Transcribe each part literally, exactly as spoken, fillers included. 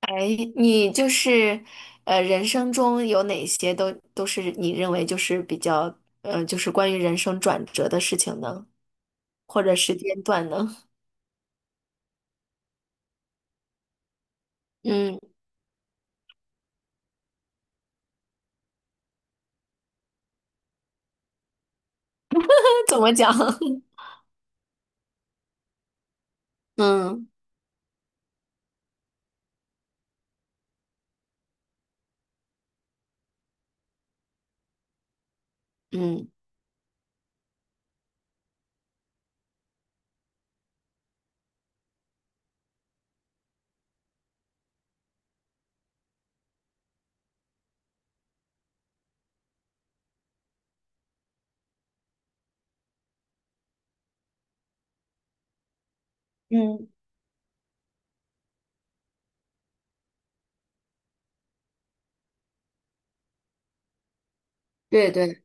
哎，你就是，呃，人生中有哪些都都是你认为就是比较，呃，就是关于人生转折的事情呢，或者时间段呢？嗯，怎么讲？嗯嗯嗯。对对，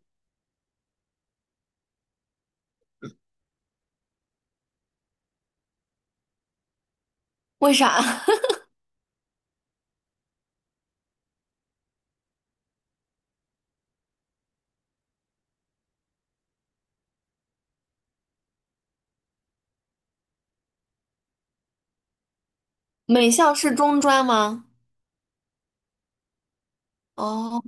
为啥？美校是中专吗？哦。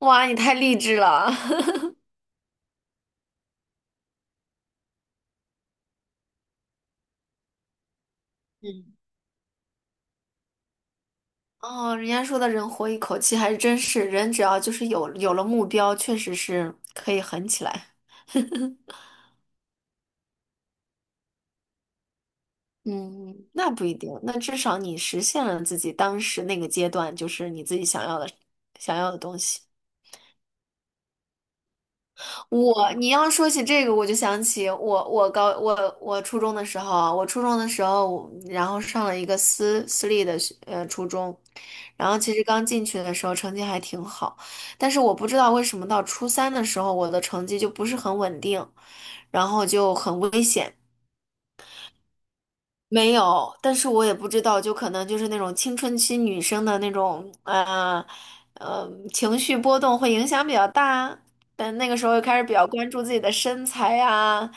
哇，你太励志了。嗯。哦，人家说的人活一口气还真是，人只要就是有有了目标，确实是可以狠起来。嗯，那不一定。那至少你实现了自己当时那个阶段，就是你自己想要的、想要的东西。我，你要说起这个，我就想起我。我高，我我初中的时候啊，我初中的时候，我然后上了一个私私立的学呃初中，然后其实刚进去的时候成绩还挺好，但是我不知道为什么到初三的时候，我的成绩就不是很稳定，然后就很危险。没有，但是我也不知道，就可能就是那种青春期女生的那种，呃，呃，情绪波动会影响比较大。但那个时候又开始比较关注自己的身材呀、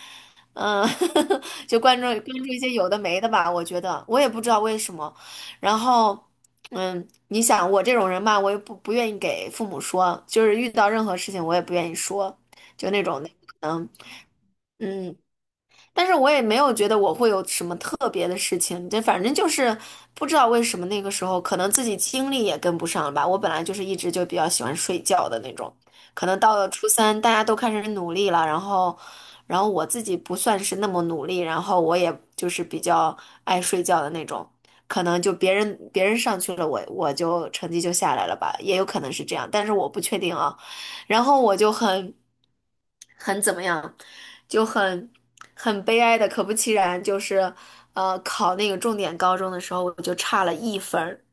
嗯，就关注关注一些有的没的吧。我觉得我也不知道为什么。然后，嗯，你想我这种人吧，我也不不愿意给父母说，就是遇到任何事情我也不愿意说，就那种的，嗯。但是我也没有觉得我会有什么特别的事情，就反正就是不知道为什么那个时候可能自己精力也跟不上了吧。我本来就是一直就比较喜欢睡觉的那种，可能到了初三大家都开始努力了，然后，然后我自己不算是那么努力，然后我也就是比较爱睡觉的那种，可能就别人别人上去了，我我就成绩就下来了吧，也有可能是这样，但是我不确定啊。然后我就很很怎么样，就很很悲哀的，可不其然，就是呃考那个重点高中的时候，我就差了一分儿。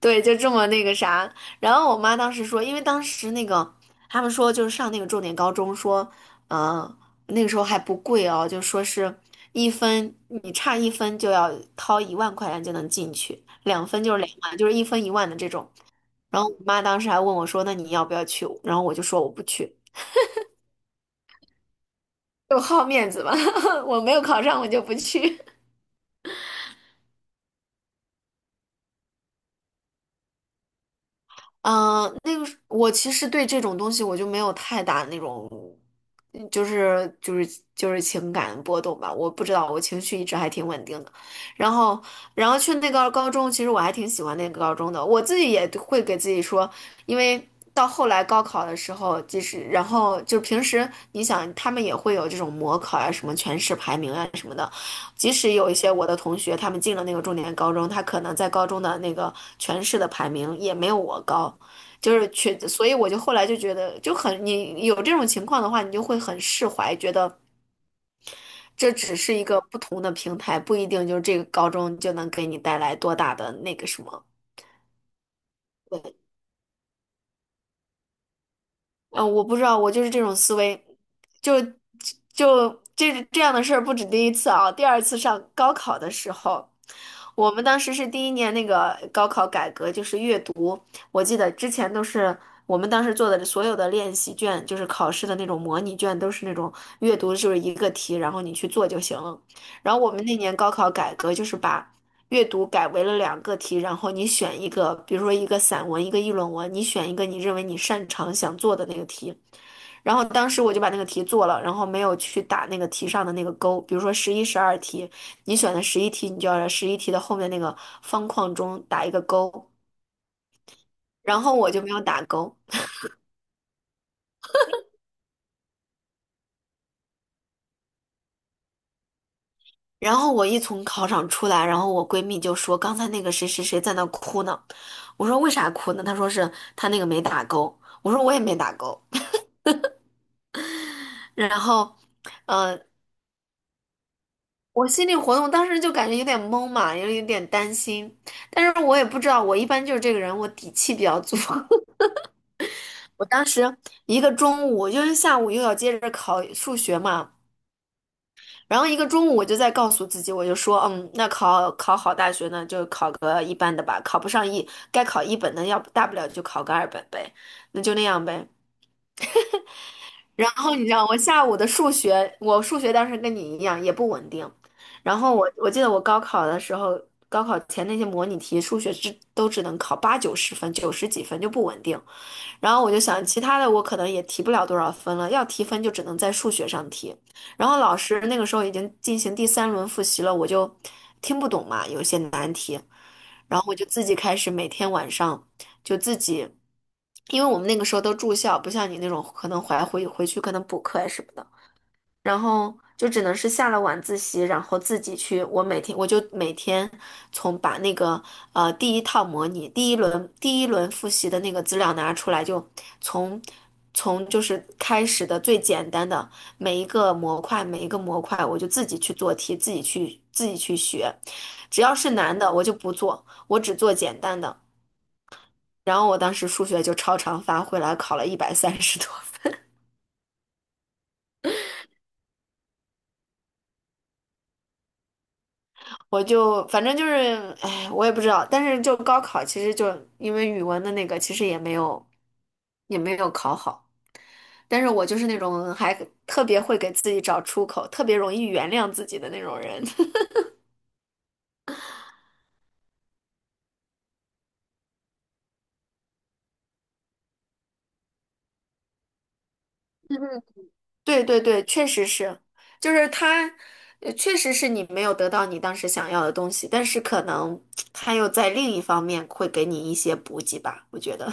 对，就这么那个啥。然后我妈当时说，因为当时那个他们说就是上那个重点高中说，嗯，那个时候还不贵哦，就说是一分你差一分就要掏一万块钱就能进去，两分就是两万，就是一分一万的这种。然后我妈当时还问我说："那你要不要去？"然后我就说我不去。就好面子吧，我没有考上，我就不去。嗯，那个是我其实对这种东西我就没有太大那种，嗯就是就是就是情感波动吧。我不知道，我情绪一直还挺稳定的。然后，然后去那个高中，其实我还挺喜欢那个高中的。我自己也会给自己说，因为到后来高考的时候，即使然后就是平时你想，他们也会有这种模考啊，什么全市排名啊什么的。即使有一些我的同学，他们进了那个重点高中，他可能在高中的那个全市的排名也没有我高，就是全，所以我就后来就觉得就很，你有这种情况的话，你就会很释怀，觉得这只是一个不同的平台，不一定就是这个高中就能给你带来多大的那个什么。对。嗯，我不知道，我就是这种思维，就就这这样的事儿不止第一次啊。第二次上高考的时候，我们当时是第一年那个高考改革，就是阅读，我记得之前都是我们当时做的所有的练习卷，就是考试的那种模拟卷，都是那种阅读就是一个题，然后你去做就行了。然后我们那年高考改革就是把。阅读改为了两个题，然后你选一个，比如说一个散文，一个议论文，你选一个你认为你擅长想做的那个题。然后当时我就把那个题做了，然后没有去打那个题上的那个勾。比如说十一、十二题，你选的十一题，你就要在十一题的后面那个方框中打一个勾。然后我就没有打勾。然后我一从考场出来，然后我闺蜜就说："刚才那个谁谁谁在那哭呢。"我说："为啥哭呢？"她说："是她那个没打勾。"我说："我也没打勾。"然后，呃，我心理活动当时就感觉有点懵嘛，有有点担心，但是我也不知道，我一般就是这个人，我底气比较足。我当时一个中午，因为下午又要接着考数学嘛，然后一个中午我就在告诉自己，我就说，嗯，那考考好大学呢，就考个一般的吧，考不上一，该考一本的，要不大不了就考个二本呗，那就那样呗。然后你知道，我下午的数学，我数学当时跟你一样也不稳定。然后我我记得我高考的时候，高考前那些模拟题，数学只都只能考八九十分，九十几分就不稳定。然后我就想，其他的我可能也提不了多少分了，要提分就只能在数学上提。然后老师那个时候已经进行第三轮复习了，我就听不懂嘛，有一些难题，然后我就自己开始每天晚上就自己，因为我们那个时候都住校，不像你那种可能回回回去可能补课呀什么的。然后就只能是下了晚自习，然后自己去。我每天我就每天从把那个呃第一套模拟、第一轮第一轮复习的那个资料拿出来，就从从就是开始的最简单的每一个模块，每一个模块我就自己去做题，自己去自己去学。只要是难的我就不做，我只做简单的。然后我当时数学就超常发挥来考了一百三十多。我就反正就是，哎，我也不知道。但是就高考，其实就因为语文的那个，其实也没有也没有考好。但是我就是那种还特别会给自己找出口，特别容易原谅自己的那种人。对对对，确实是，就是他，呃确实是你没有得到你当时想要的东西，但是可能他又在另一方面会给你一些补给吧，我觉得。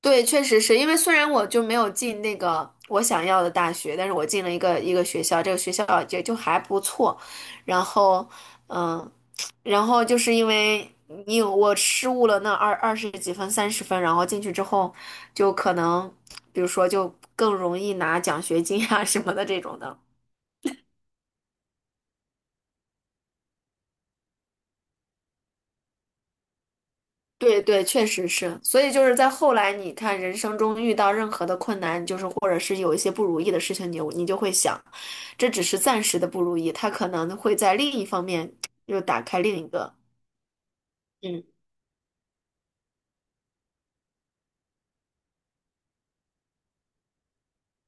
对，确实是因为虽然我就没有进那个我想要的大学，但是我进了一个一个学校，这个学校也就还不错。然后，嗯，然后就是因为你有我失误了那二二十几分、三十分，然后进去之后就可能，比如说就更容易拿奖学金啊什么的这种的。对对，确实是。所以就是在后来，你看人生中遇到任何的困难，就是或者是有一些不如意的事情，你你就会想，这只是暂时的不如意，他可能会在另一方面又打开另一个。嗯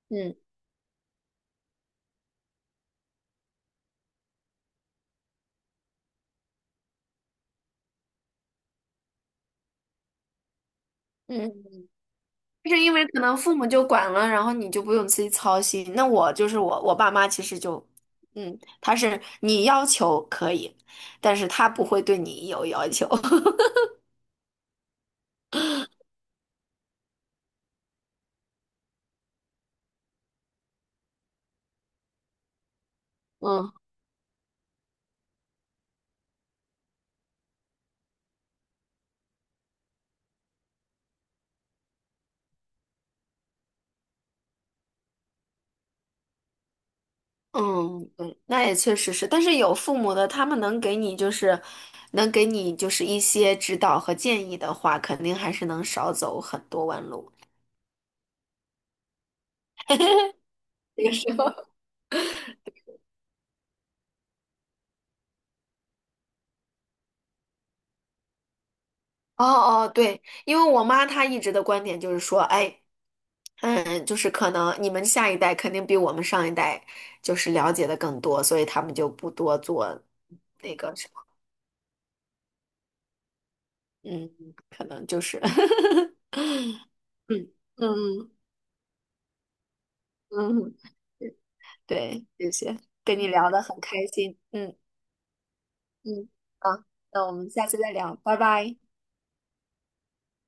嗯嗯，就是因为可能父母就管了，然后你就不用自己操心。那我就是我，我爸妈其实就，嗯，他是你要求可以，但是他不会对你有要求。嗯嗯，嗯，那也确实是，但是有父母的，他们能给你就是，能给你就是一些指导和建议的话，肯定还是能少走很多弯路。那个时候，哦哦，对，因为我妈她一直的观点就是说，哎，嗯，就是可能你们下一代肯定比我们上一代就是了解的更多，所以他们就不多做那个什么，嗯，可能就是，嗯，嗯嗯，对，谢谢，跟你聊得很开心，嗯。嗯，好，那我们下次再聊，拜拜。